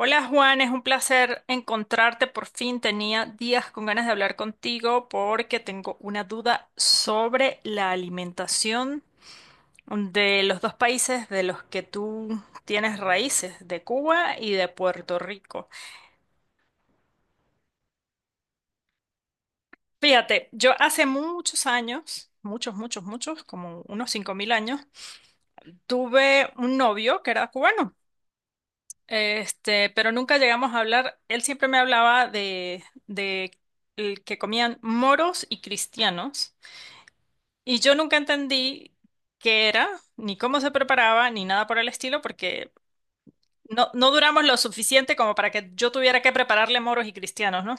Hola Juan, es un placer encontrarte por fin. Tenía días con ganas de hablar contigo porque tengo una duda sobre la alimentación de los dos países de los que tú tienes raíces, de Cuba y de Puerto Rico. Fíjate, yo hace muchos años, muchos, muchos, muchos, como unos 5000 años, tuve un novio que era cubano. Este, pero nunca llegamos a hablar. Él siempre me hablaba de el que comían moros y cristianos. Y yo nunca entendí qué era, ni cómo se preparaba, ni nada por el estilo, porque no duramos lo suficiente como para que yo tuviera que prepararle moros y cristianos, ¿no?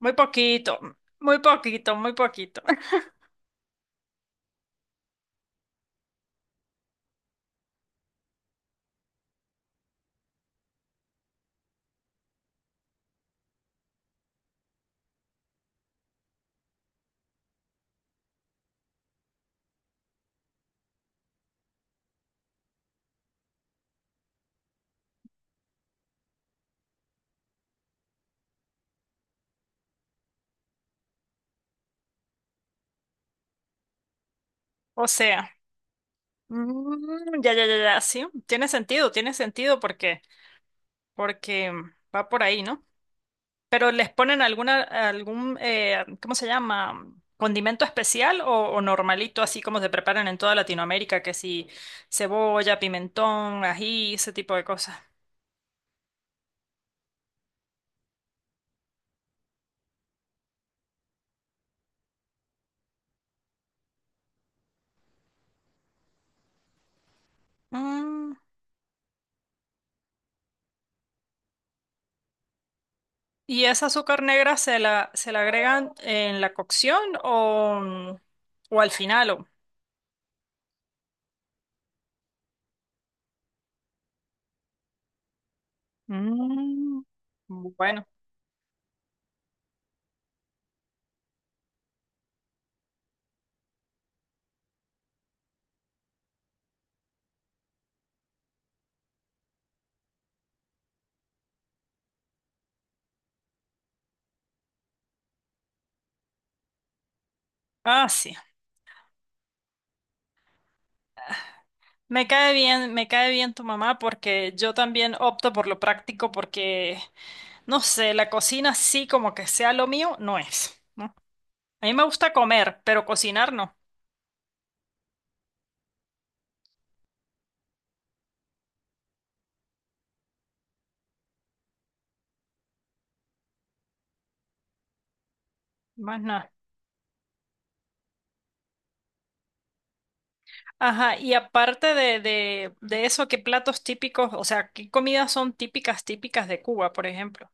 Muy poquito, muy poquito, muy poquito. O sea, ya, ya, ya, ya, sí. Tiene sentido porque va por ahí, ¿no? Pero les ponen algún, ¿cómo se llama? ¿Condimento especial o normalito, así como se preparan en toda Latinoamérica? Que si cebolla, pimentón, ají, ese tipo de cosas. Mm, ¿y esa azúcar negra se la agregan en la cocción o al final? O... Mm, bueno, ah, sí. Me cae bien tu mamá porque yo también opto por lo práctico porque no sé, la cocina sí como que sea lo mío, no es, ¿no? A mí me gusta comer, pero cocinar no, más nada. Ajá, y aparte de eso, ¿qué platos típicos, o sea, qué comidas son típicas, típicas de Cuba, por ejemplo?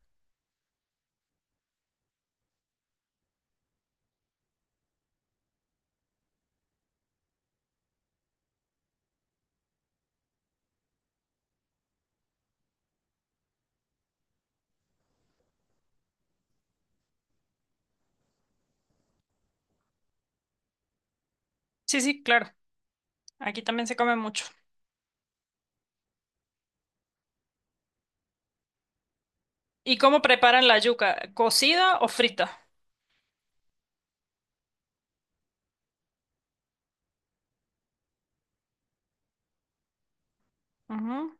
Sí, sí, claro, aquí también se come mucho. ¿Y cómo preparan la yuca? ¿Cocida o frita? Ujú.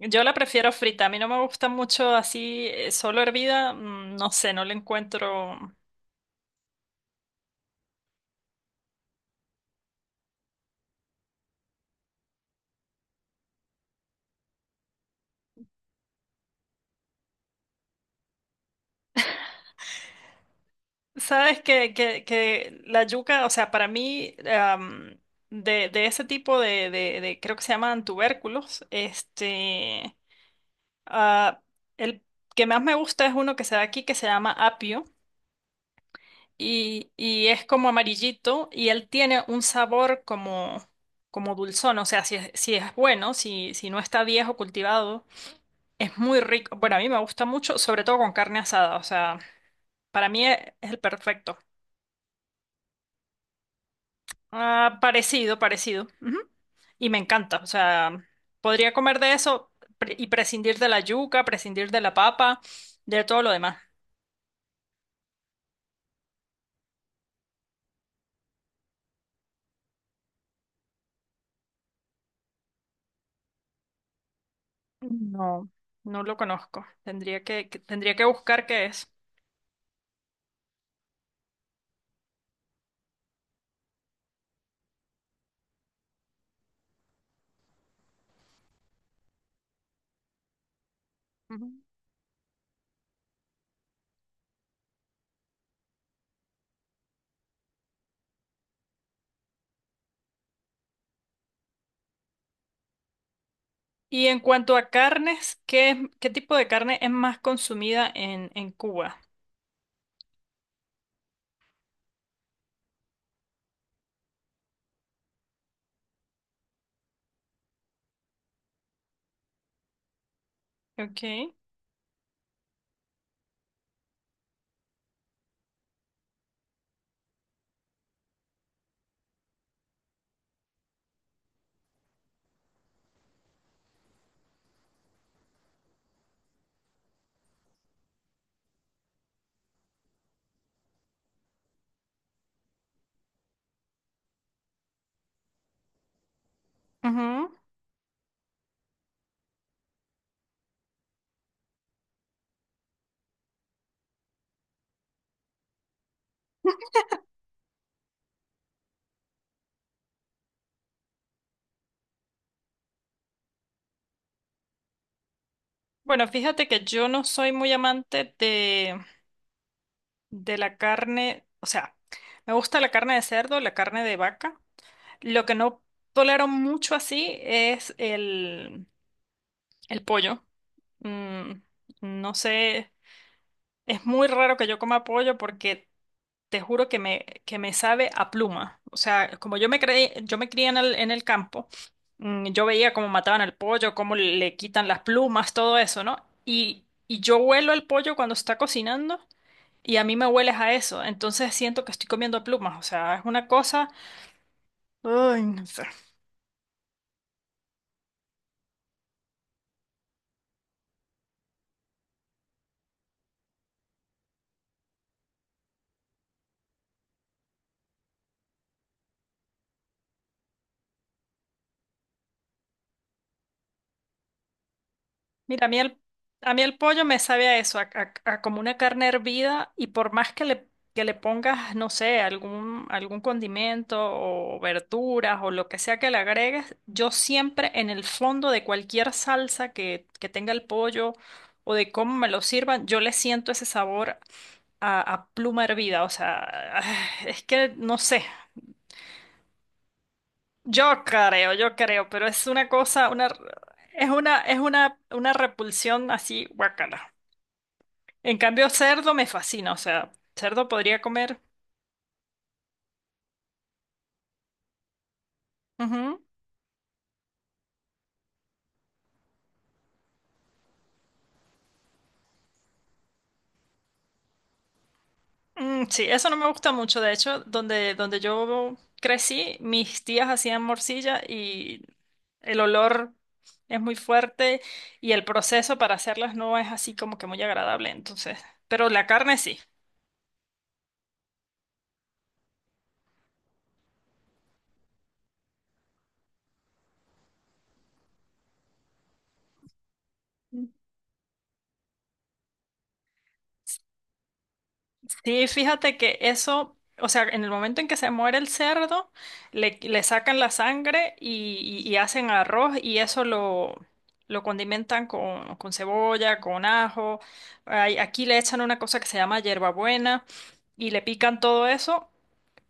Yo la prefiero frita, a mí no me gusta mucho así, solo hervida, mm, no sé, no le encuentro. Sabes que la yuca, o sea, para mí, de ese tipo de creo que se llaman tubérculos, ah, el que más me gusta es uno que se da aquí que se llama apio y es como amarillito y él tiene un sabor como, como dulzón, o sea, si es, si es bueno, si, si no está viejo cultivado, es muy rico. Bueno, a mí me gusta mucho, sobre todo con carne asada, o sea, para mí es el perfecto. Ah, parecido, parecido. Ujú. Y me encanta. O sea, podría comer de eso y prescindir de la yuca, prescindir de la papa, de todo lo demás. No, no lo conozco. Tendría tendría que buscar qué es. Ujú. Y en cuanto a carnes, ¿qué tipo de carne es más consumida en Cuba? Ok. Ujú. Bueno, fíjate que yo no soy muy amante de la carne, o sea, me gusta la carne de cerdo, la carne de vaca. Lo que no tolero mucho así es el pollo. Mm, no sé, es muy raro que yo coma pollo porque te juro que me sabe a pluma. O sea, como yo me creí, yo me crié en en el campo, mm, yo veía cómo mataban al pollo, cómo le quitan las plumas, todo eso, ¿no? Y yo huelo el pollo cuando se está cocinando y a mí me hueles a eso. Entonces siento que estoy comiendo plumas. O sea, es una cosa... Ay, no sé. Mira, a mí el pollo me sabe a eso, a como una carne hervida y por más que le pongas, no sé, algún condimento o verduras o lo que sea que le agregues, yo siempre en el fondo de cualquier salsa que tenga el pollo o de cómo me lo sirvan, yo le siento ese sabor a pluma hervida, o sea, es que no sé, yo creo, pero es una cosa, una, es una repulsión así, guacala. En cambio, cerdo me fascina, o sea, cerdo podría comer. Ujú. Mm, sí, eso no me gusta mucho. De hecho, donde yo crecí, mis tías hacían morcilla y el olor es muy fuerte y el proceso para hacerlas no es así como que muy agradable, entonces. Pero la carne sí. Sí, fíjate que eso, o sea, en el momento en que se muere el cerdo, le sacan la sangre y hacen arroz y eso lo condimentan con cebolla, con ajo. Ay, aquí le echan una cosa que se llama hierbabuena y le pican todo eso,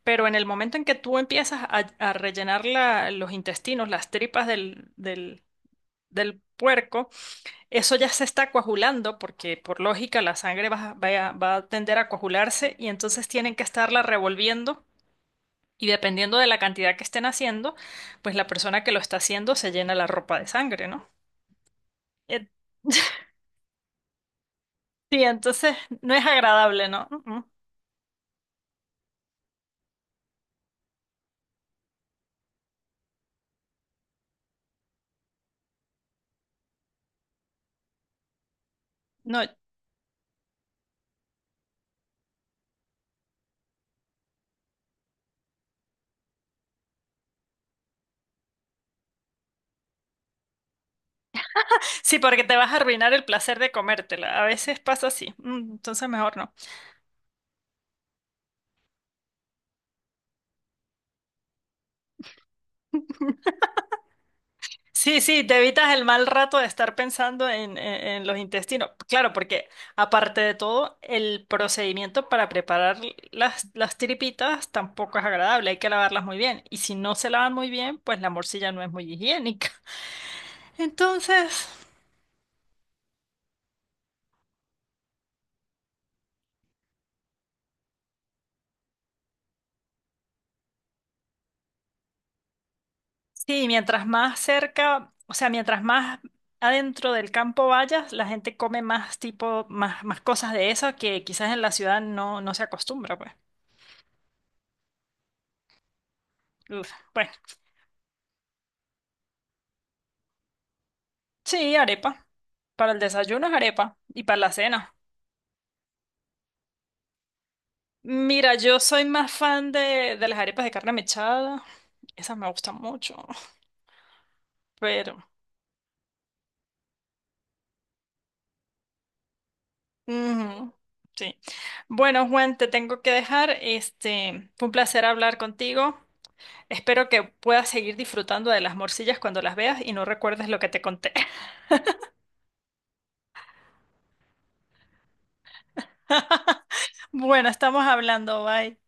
pero en el momento en que tú empiezas a rellenar los intestinos, las tripas del puerco, eso ya se está coagulando porque por lógica la sangre va a tender a coagularse y entonces tienen que estarla revolviendo y dependiendo de la cantidad que estén haciendo, pues la persona que lo está haciendo se llena la ropa de sangre, ¿no? Eh, Sí, entonces no es agradable, ¿no? Mm. No, sí, porque te vas a arruinar el placer de comértela. A veces pasa así. Mm, entonces mejor no. Sí, sí, te evitas el mal rato de estar pensando en, en los intestinos. Claro, porque aparte de todo, el procedimiento para preparar las tripitas tampoco es agradable, hay que lavarlas muy bien. Y si no se lavan muy bien, pues la morcilla no es muy higiénica. Entonces, sí, mientras más cerca, o sea, mientras más adentro del campo vayas, la gente come más tipo, más, más cosas de esas que quizás en la ciudad no, no se acostumbra, pues. Uf, bueno. Sí, arepa. Para el desayuno es arepa y para la cena. Mira, yo soy más fan de las arepas de carne mechada. Esas me gustan mucho, pero... ujú, sí. Bueno, Juan, te tengo que dejar. Este, fue un placer hablar contigo. Espero que puedas seguir disfrutando de las morcillas cuando las veas y no recuerdes lo que te conté. Bueno, estamos hablando, bye.